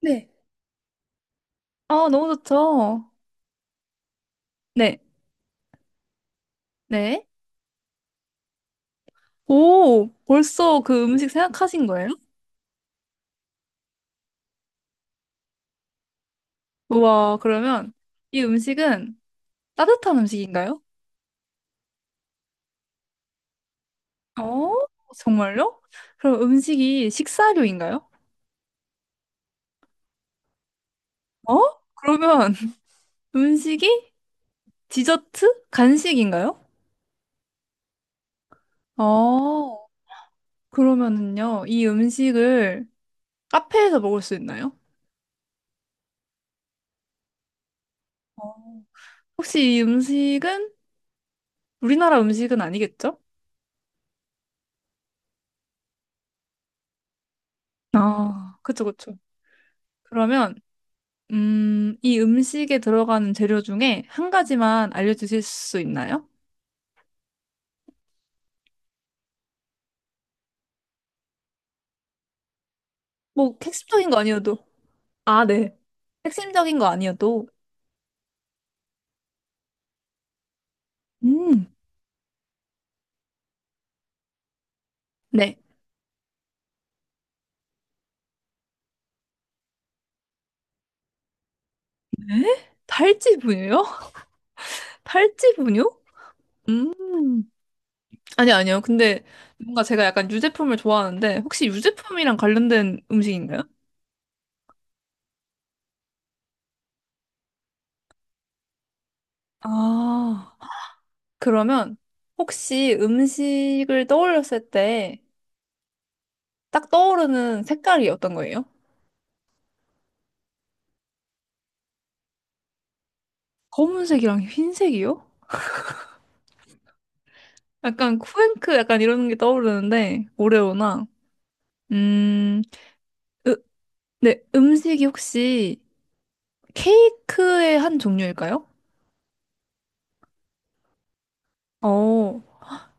네. 아, 너무 좋죠. 네, 네. 오, 벌써 그 음식 생각하신 거예요? 우와, 그러면 이 음식은 따뜻한 음식인가요? 어, 정말요? 그럼 음식이 식사류인가요? 어? 그러면 음식이 디저트? 간식인가요? 어, 그러면은요, 이 음식을 카페에서 먹을 수 있나요? 어. 혹시 이 음식은 우리나라 음식은 아니겠죠? 아, 그쵸, 그쵸. 그러면 이 음식에 들어가는 재료 중에 한 가지만 알려주실 수 있나요? 뭐, 핵심적인 거 아니어도. 아, 네. 핵심적인 거 아니어도. 음, 네. 탈지 분유요? 탈지 분유? 음, 아니, 아니요. 근데 뭔가 제가 약간 유제품을 좋아하는데, 혹시 유제품이랑 관련된 음식인가요? 아, 그러면 혹시 음식을 떠올렸을 때 딱 떠오르는 색깔이 어떤 거예요? 검은색이랑 흰색이요? 약간 쿠앤크 약간 이런 게 떠오르는데 오레오나 음, 으, 네, 음식이 혹시 케이크의 한 종류일까요? 어,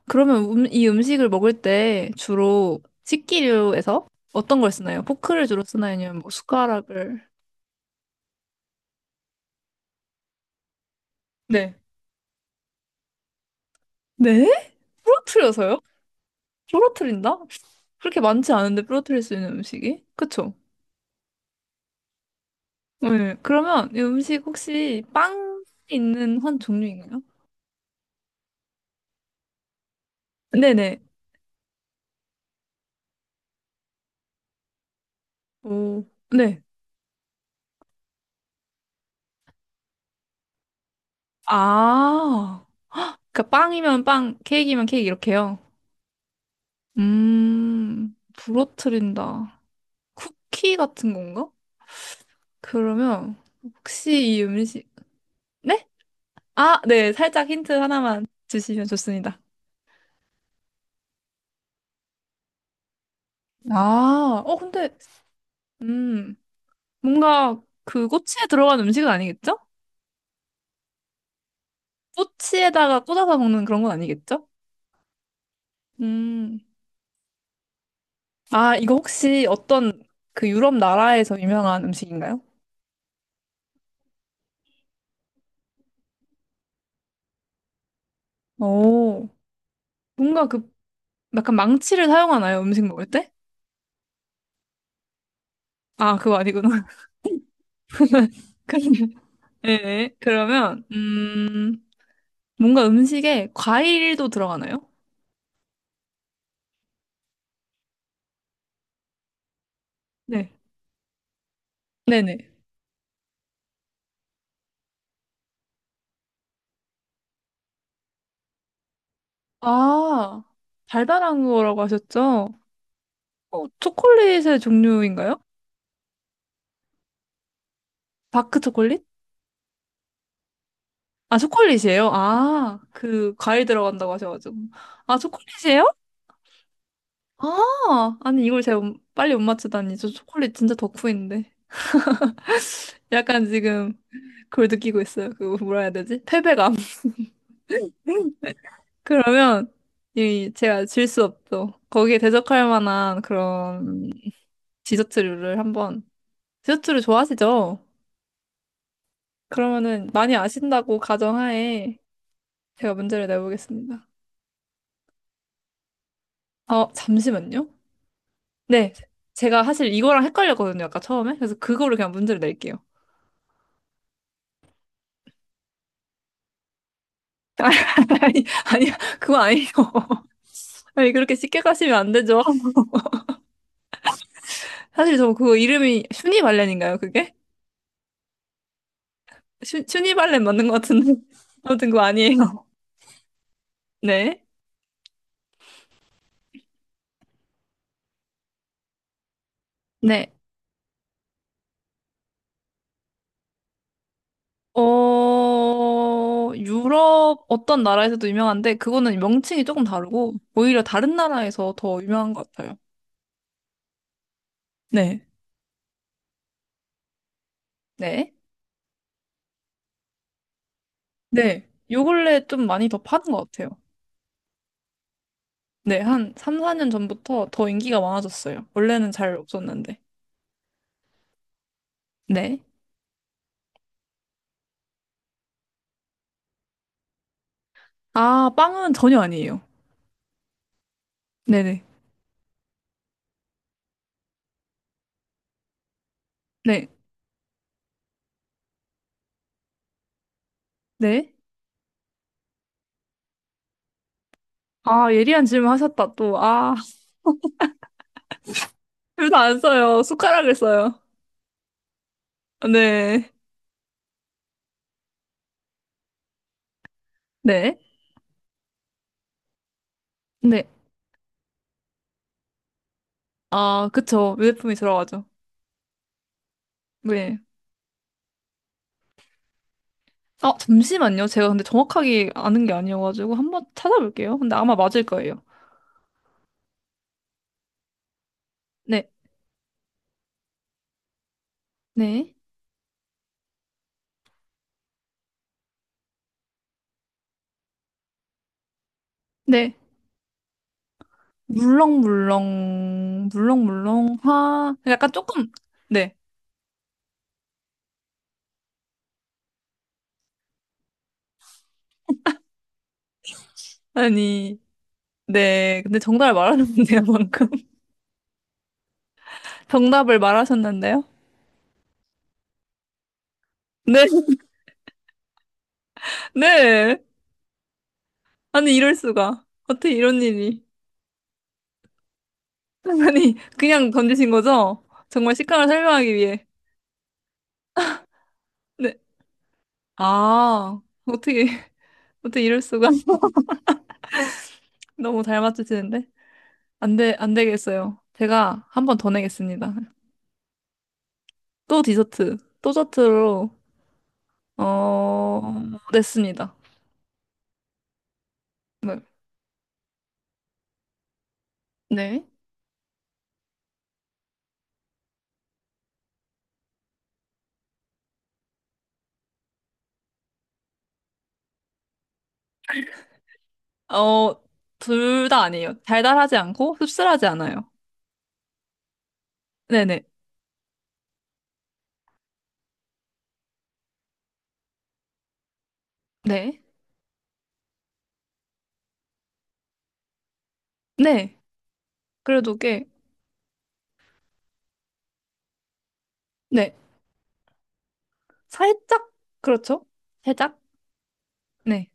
그러면 이 음식을 먹을 때 주로 식기류에서 어떤 걸 쓰나요? 포크를 주로 쓰나요? 아니면 뭐 숟가락을? 네. 네? 부러뜨려서요? 부러뜨린다? 그렇게 많지 않은데 부러뜨릴 수 있는 음식이? 그쵸? 네. 그러면 이 음식 혹시 빵 있는 한 종류인가요? 네네. 오, 네. 아, 그러니까 빵이면 빵, 케이크면 케이크 이렇게요. 부러뜨린다. 쿠키 같은 건가? 그러면 혹시 이 음식, 네? 아, 네, 살짝 힌트 하나만 주시면 좋습니다. 아, 어, 근데, 음, 뭔가 그 꼬치에 들어간 음식은 아니겠죠? 꼬치에다가 꽂아서 먹는 그런 건 아니겠죠? 음, 아, 이거 혹시 어떤 그 유럽 나라에서 유명한 음식인가요? 오, 뭔가 그 약간 망치를 사용하나요? 음식 먹을 때? 아, 그거 아니구나. 그러면, 네, 그러면, 뭔가 음식에 과일도 들어가나요? 네. 네네. 아, 달달한 거라고 하셨죠? 어, 초콜릿의 종류인가요? 다크 초콜릿? 아, 초콜릿이에요? 아, 그, 과일 들어간다고 하셔가지고. 아, 초콜릿이에요? 아, 아니, 이걸 제가 못- 빨리 못 맞추다니. 저 초콜릿 진짜 덕후인데. 약간 지금 그걸 느끼고 있어요. 그, 뭐라 해야 되지? 패배감. 그러면 이 제가 질 수 없죠. 거기에 대적할 만한 그런 디저트류를 한번 디저트를 좋아하시죠? 그러면은 많이 아신다고 가정하에 제가 문제를 내보겠습니다. 어, 잠시만요. 네, 제가 사실 이거랑 헷갈렸거든요. 아까 처음에. 그래서 그거를 그냥 문제를 낼게요. 아니, 아니, 그거 아니에요. 아니, 그렇게 쉽게 가시면 안 되죠. 사실 저 그거 이름이 슈니발렌인가요, 그게? 슈, 슈니발렌 맞는 것 같은데. 아무튼 그거 아니에요. 네. 네. 어, 유럽 어떤 나라에서도 유명한데, 그거는 명칭이 조금 다르고, 오히려 다른 나라에서 더 유명한 것 같아요. 네. 네. 네. 요 근래 좀 많이 더 파는 것 같아요. 네. 한 3, 4년 전부터 더 인기가 많아졌어요. 원래는 잘 없었는데. 네. 아, 빵은 전혀 아니에요. 네네. 네. 네. 아, 예리한 질문 하셨다, 또. 아, 둘 다 안 써요. 숟가락을 써요. 네. 네. 네. 아, 그쵸. 유제품이 들어가죠. 네. 아, 잠시만요. 제가 근데 정확하게 아는 게 아니어가지고 한번 찾아볼게요. 근데 아마 맞을 거예요. 네, 네, 네. 물렁물렁, 물렁물렁, 화. 약간 조금, 네. 아니, 네. 근데 정답을 말하셨는데요, 방금. 정답을 말하셨는데요? 네, 네. 아니, 이럴 수가. 어떻게 이런 일이. 아니, 그냥 던지신 거죠? 정말 식감을 설명하기 위해. 네. 아, 어떻게, 어떻게 이럴 수가. 너무 잘 맞추시는데. 안 돼, 안 되겠어요. 제가 한 번 더 내겠습니다. 또 디저트, 또 저트로, 어, 냈습니다. 네. 네. 어, 둘 다 아니에요. 달달하지 않고 씁쓸하지 않아요. 네네. 네. 네. 그래도 꽤, 네. 살짝, 그렇죠? 살짝? 네.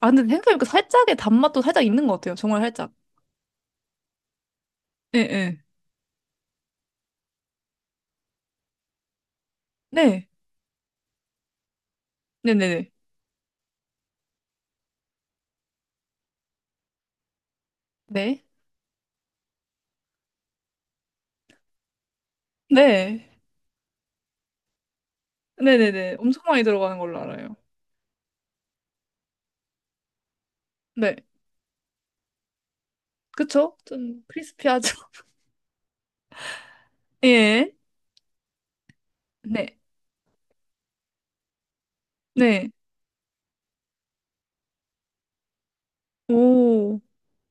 아, 근데 생각해보니까 살짝의 단맛도 살짝 있는 것 같아요. 정말 살짝. 예, 예. 네. 네네네. 네. 네. 네네네. 엄청 많이 들어가는 걸로 알아요. 네. 그쵸? 좀 크리스피하죠. 예. 네. 네. 오.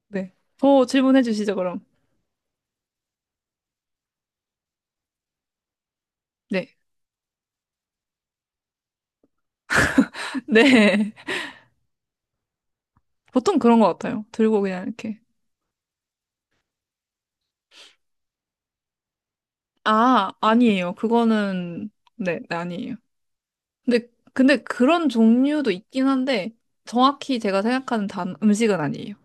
네. 더 질문해 주시죠, 그럼. 네. 네. 보통 그런 것 같아요. 들고 그냥 이렇게. 아, 아니에요. 그거는, 네, 네, 아니에요. 근데, 근데 그런 종류도 있긴 한데, 정확히 제가 생각하는 단, 음식은 아니에요.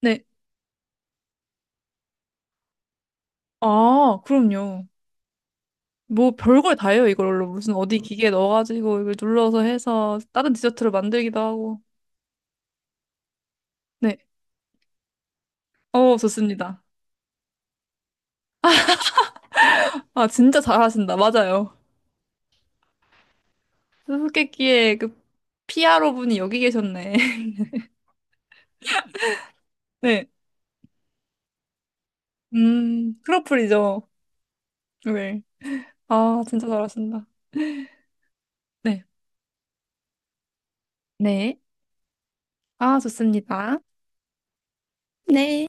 네. 아, 그럼요. 뭐 별걸 다 해요, 이걸로. 무슨 어디 기계 넣어가지고 이걸 눌러서 해서 다른 디저트를 만들기도 하고. 네. 어, 좋습니다. 아, 진짜 잘하신다. 맞아요. 수수께끼의 그 피아로 분이 여기 계셨네. 네. 크로플이죠. 네. 아, 진짜 잘하신다. 네. 네. 아, 좋습니다. 네.